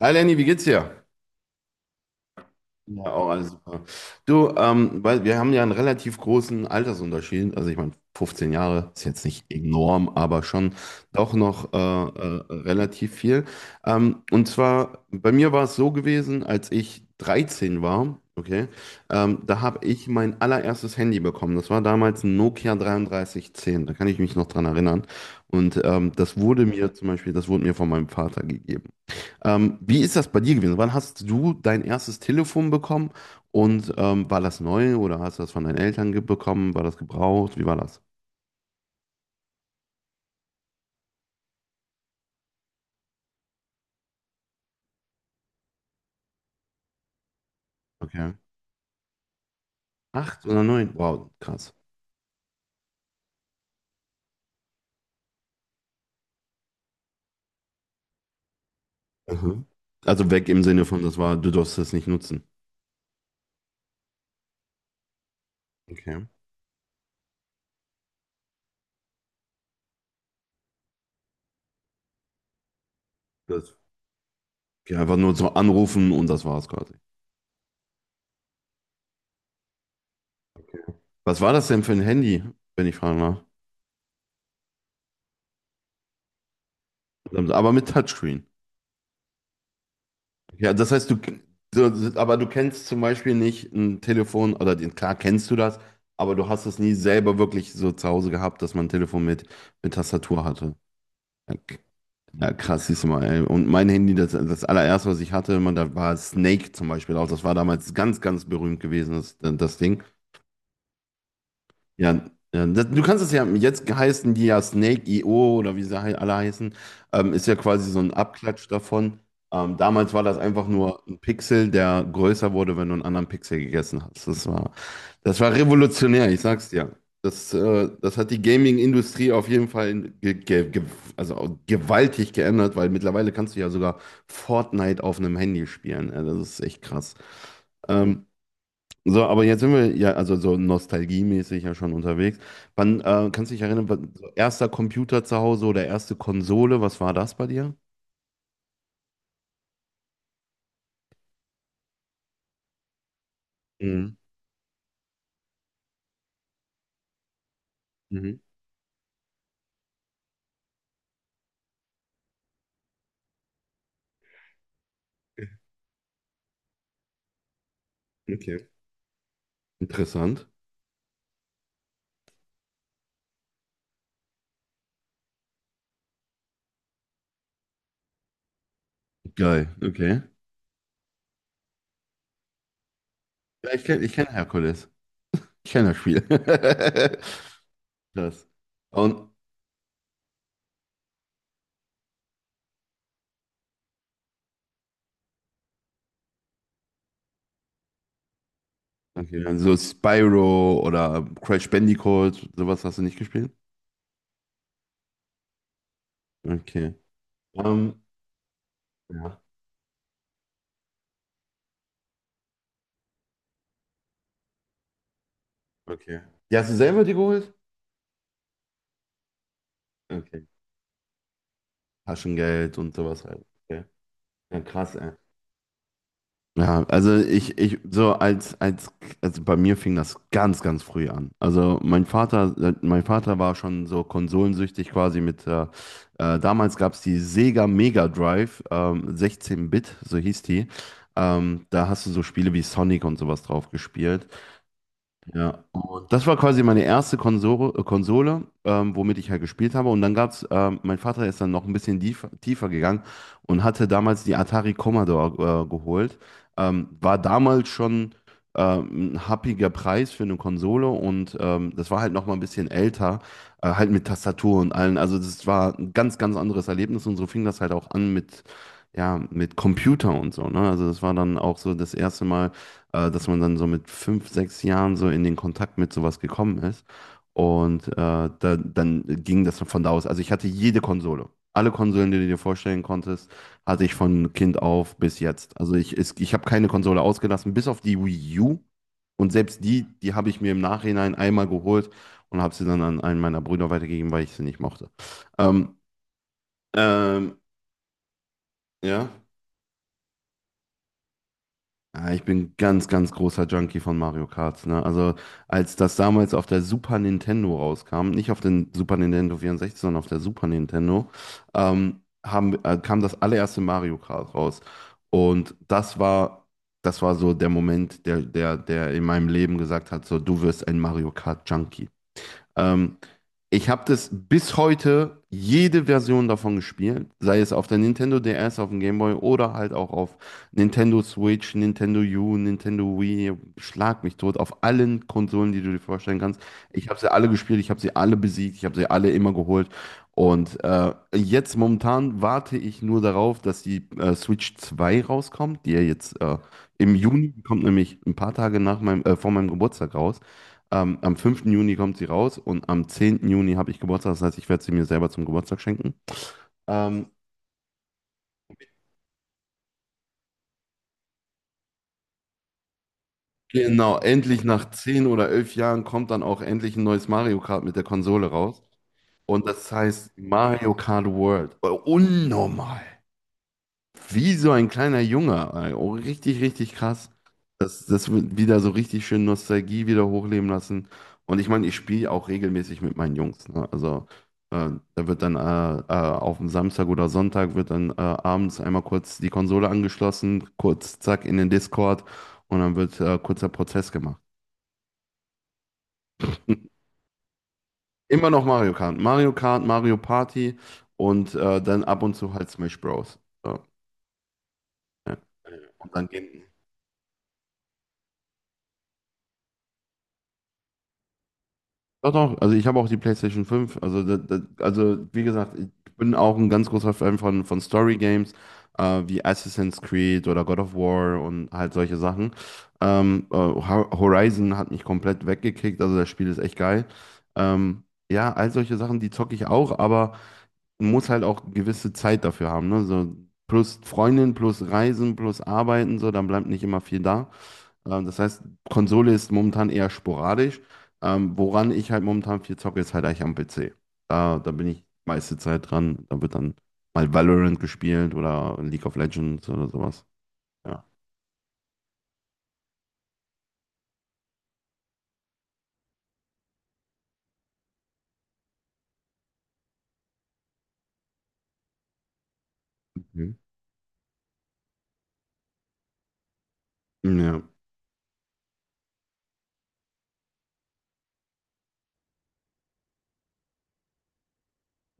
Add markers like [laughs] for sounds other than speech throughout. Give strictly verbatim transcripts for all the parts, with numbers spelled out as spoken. Hi Lenny, wie geht's dir? Ja, ja, auch alles super. Du, ähm, weil wir haben ja einen relativ großen Altersunterschied. Also ich meine, fünfzehn Jahre ist jetzt nicht enorm, aber schon doch noch äh, äh, relativ viel. Ähm, und zwar, bei mir war es so gewesen, als ich dreizehn war, okay, ähm, da habe ich mein allererstes Handy bekommen. Das war damals ein Nokia drei drei eins null, da kann ich mich noch dran erinnern. Und ähm, das wurde mir zum Beispiel, das wurde mir von meinem Vater gegeben. Ähm, wie ist das bei dir gewesen? Wann hast du dein erstes Telefon bekommen und ähm, war das neu oder hast du das von deinen Eltern ge- bekommen? War das gebraucht? Wie war das? Okay. Acht oder neun? Wow, krass. Mhm. Also weg im Sinne von, das war, du darfst das nicht nutzen. Okay. Das, ja, einfach nur so anrufen und das war's quasi. Was war das denn für ein Handy, wenn ich fragen darf? Aber mit Touchscreen. Ja, das heißt, du, du, aber du kennst zum Beispiel nicht ein Telefon oder den, klar kennst du das, aber du hast es nie selber wirklich so zu Hause gehabt, dass man ein Telefon mit, mit Tastatur hatte. Ja, k- ja, krass, siehst du mal. Ey. Und mein Handy, das, das allererste, was ich hatte, man, da war Snake zum Beispiel auch. Das war damals ganz, ganz berühmt gewesen, das, das Ding. Ja, ja, das, du kannst es ja, jetzt heißen die ja Snake, Snake.io oder wie sie hei- alle heißen, ähm, ist ja quasi so ein Abklatsch davon. Ähm, damals war das einfach nur ein Pixel, der größer wurde, wenn du einen anderen Pixel gegessen hast. Das war, das war revolutionär, ich sag's dir. Das, äh, das hat die Gaming-Industrie auf jeden Fall ge ge ge also gewaltig geändert, weil mittlerweile kannst du ja sogar Fortnite auf einem Handy spielen. Ja, das ist echt krass. Ähm, so, aber jetzt sind wir ja, also so nostalgiemäßig ja schon unterwegs. Wann, äh, kannst du dich erinnern, wann- so erster Computer zu Hause oder erste Konsole, was war das bei dir? Mhm. Mhm. Okay. Interessant. Geil, okay. Ja, ich kenne ich kenn Herkules. Ich kenne das Spiel. [laughs] Das. Und, okay, also Spyro oder Crash Bandicoot, sowas hast du nicht gespielt? Okay. Ähm, ja, okay. Die hast du selber dir geholt? Okay. Taschengeld und sowas halt. Okay. Ja, krass, ey. Ja, also ich, ich, so als, als, also bei mir fing das ganz, ganz früh an. Also mein Vater, äh, mein Vater war schon so konsolensüchtig quasi mit, äh, äh, damals gab es die Sega Mega Drive, ähm, sechzehn-Bit, so hieß die. Ähm, da hast du so Spiele wie Sonic und sowas drauf gespielt. Ja, und das war quasi meine erste Konsole, äh, Konsole ähm, womit ich halt gespielt habe. Und dann gab's, ähm, mein Vater ist dann noch ein bisschen tief, tiefer gegangen und hatte damals die Atari Commodore äh, geholt. Ähm, war damals schon ähm, ein happiger Preis für eine Konsole und ähm, das war halt noch mal ein bisschen älter, äh, halt mit Tastatur und allen. Also das war ein ganz, ganz anderes Erlebnis und so fing das halt auch an mit, ja, mit Computer und so, ne? Also das war dann auch so das erste Mal äh, dass man dann so mit fünf, sechs Jahren so in den Kontakt mit sowas gekommen ist. Und äh, da, dann ging das von da aus. Also ich hatte jede Konsole. Alle Konsolen, die du dir vorstellen konntest, hatte ich von Kind auf bis jetzt. Also ich, es- ich habe keine Konsole ausgelassen, bis auf die Wii U. Und selbst die, die habe ich mir im Nachhinein einmal geholt und habe sie dann an einen meiner Brüder weitergegeben, weil ich sie nicht mochte. Ähm, ähm, ja. Ja, ich bin ganz, ganz großer Junkie von Mario Kart. Ne? Also als das damals auf der Super Nintendo rauskam, nicht auf den Super Nintendo vierundsechzig, sondern auf der Super Nintendo, ähm, haben, äh, kam das allererste Mario Kart raus. Und das war, das war so der Moment, der, der, der in meinem Leben gesagt hat, so, du wirst ein Mario Kart Junkie. Ähm, Ich habe das bis heute jede Version davon gespielt, sei es auf der Nintendo D S, auf dem Game Boy oder halt auch auf Nintendo Switch, Nintendo U, Nintendo Wii, schlag mich tot, auf allen Konsolen, die du dir vorstellen kannst. Ich habe sie alle gespielt, ich habe sie alle besiegt, ich habe sie alle immer geholt. Und äh, jetzt momentan warte ich nur darauf, dass die äh, Switch zwei rauskommt, die ja jetzt äh, im Juni die kommt, nämlich ein paar Tage nach meinem, äh, vor meinem Geburtstag raus. Ähm, am fünften Juni kommt sie raus und am zehnten Juni habe ich Geburtstag. Das heißt, ich werde sie mir selber zum Geburtstag schenken. Ähm, genau, endlich nach zehn oder elf Jahren kommt dann auch endlich ein neues Mario Kart mit der Konsole raus. Und das heißt Mario Kart World. Äh, Unnormal. Wie so ein kleiner Junge, ey. Oh, richtig, richtig krass. Das, das wird wieder so richtig schön Nostalgie wieder hochleben lassen. Und ich meine, ich spiele auch regelmäßig mit meinen Jungs. Ne? Also äh, da wird dann äh, äh, auf dem Samstag oder Sonntag wird dann äh, abends einmal kurz die Konsole angeschlossen, kurz zack in den Discord und dann wird äh, kurzer Prozess gemacht. [laughs] Immer noch Mario Kart. Mario Kart, Mario Party und äh, dann ab und zu halt Smash Bros. So, ja. Und dann gehen, Doch, doch, also ich habe auch die PlayStation fünf. Also, da, da, also wie gesagt, ich bin auch ein ganz großer Fan von, von Story Games, äh, wie Assassin's Creed oder God of War und halt solche Sachen. Ähm, äh, Ho- Horizon hat mich komplett weggekickt, also das Spiel ist echt geil. Ähm, ja, all solche Sachen, die zocke ich auch, aber man muss halt auch gewisse Zeit dafür haben, ne? So plus Freundin, plus Reisen, plus Arbeiten, so, dann bleibt nicht immer viel da. Ähm, das heißt, Konsole ist momentan eher sporadisch. Ähm, woran ich halt momentan viel zocke, ist halt eigentlich am P C. Da, da bin ich meiste Zeit dran. Da wird dann mal Valorant gespielt oder League of Legends oder sowas. Ja. Mhm. Ja.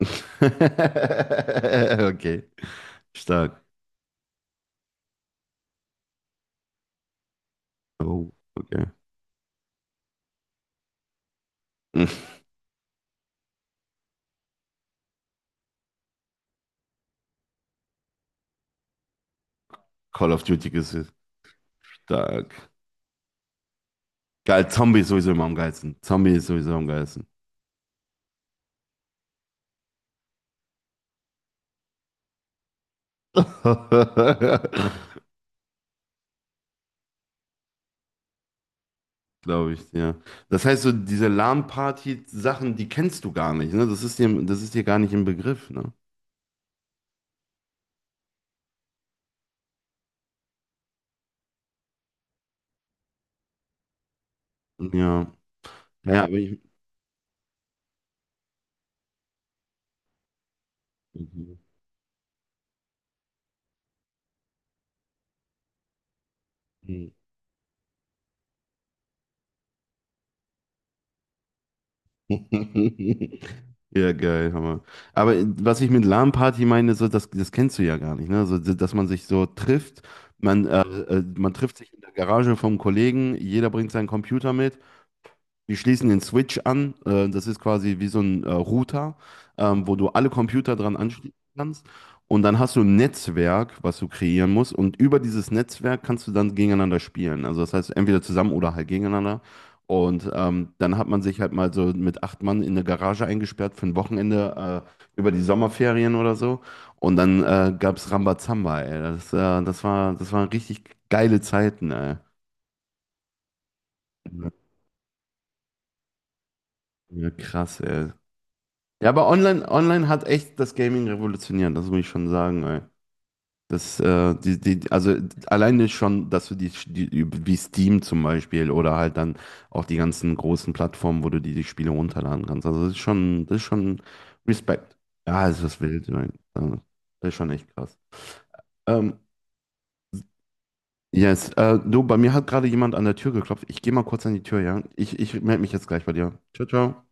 [laughs] Okay. Stark. Oh, okay. [laughs] Call of Duty ist stark. Geil, Zombie ist sowieso immer am geilsten. Zombie ist sowieso am geilsten. [laughs] Glaube ich, ja. Das heißt, so diese LAN-Party-Sachen, die kennst du gar nicht, ne? Das ist dir, das ist dir gar nicht im Begriff, ne? Ja. Ja, aber ich. Mhm. [laughs] Ja, geil, Hammer. Aber was ich mit LAN-Party meine, so, das, das kennst du ja gar nicht, ne? So, dass man sich so trifft, man, äh, äh, man trifft sich in der Garage vom Kollegen, jeder bringt seinen Computer mit. Wir schließen den Switch an. Äh, das ist quasi wie so ein äh, Router, ähm, wo du alle Computer dran anschließen kannst. Und dann hast du ein Netzwerk, was du kreieren musst. Und über dieses Netzwerk kannst du dann gegeneinander spielen. Also das heißt, entweder zusammen oder halt gegeneinander. Und ähm, dann hat man sich halt mal so mit acht Mann in eine Garage eingesperrt für ein Wochenende äh, über die Sommerferien oder so. Und dann äh, gab es Rambazamba, ey. Das, äh, das war, das waren richtig geile Zeiten, ey. Ja, krass, ey. Ja, aber online, online hat echt das Gaming revolutioniert, das muss ich schon sagen, ey. Das, äh, die, die, also alleine schon, dass du die, die, wie Steam zum Beispiel oder halt dann auch die ganzen großen Plattformen, wo du die, die Spiele runterladen kannst. Also das ist schon, das ist schon Respekt. Ja, es ist was wild, ey. Also, das ist schon echt krass. Ähm, yes, äh, du, bei mir hat gerade jemand an der Tür geklopft. Ich gehe mal kurz an die Tür, ja? Ich, ich melde mich jetzt gleich bei dir. Ciao, ciao.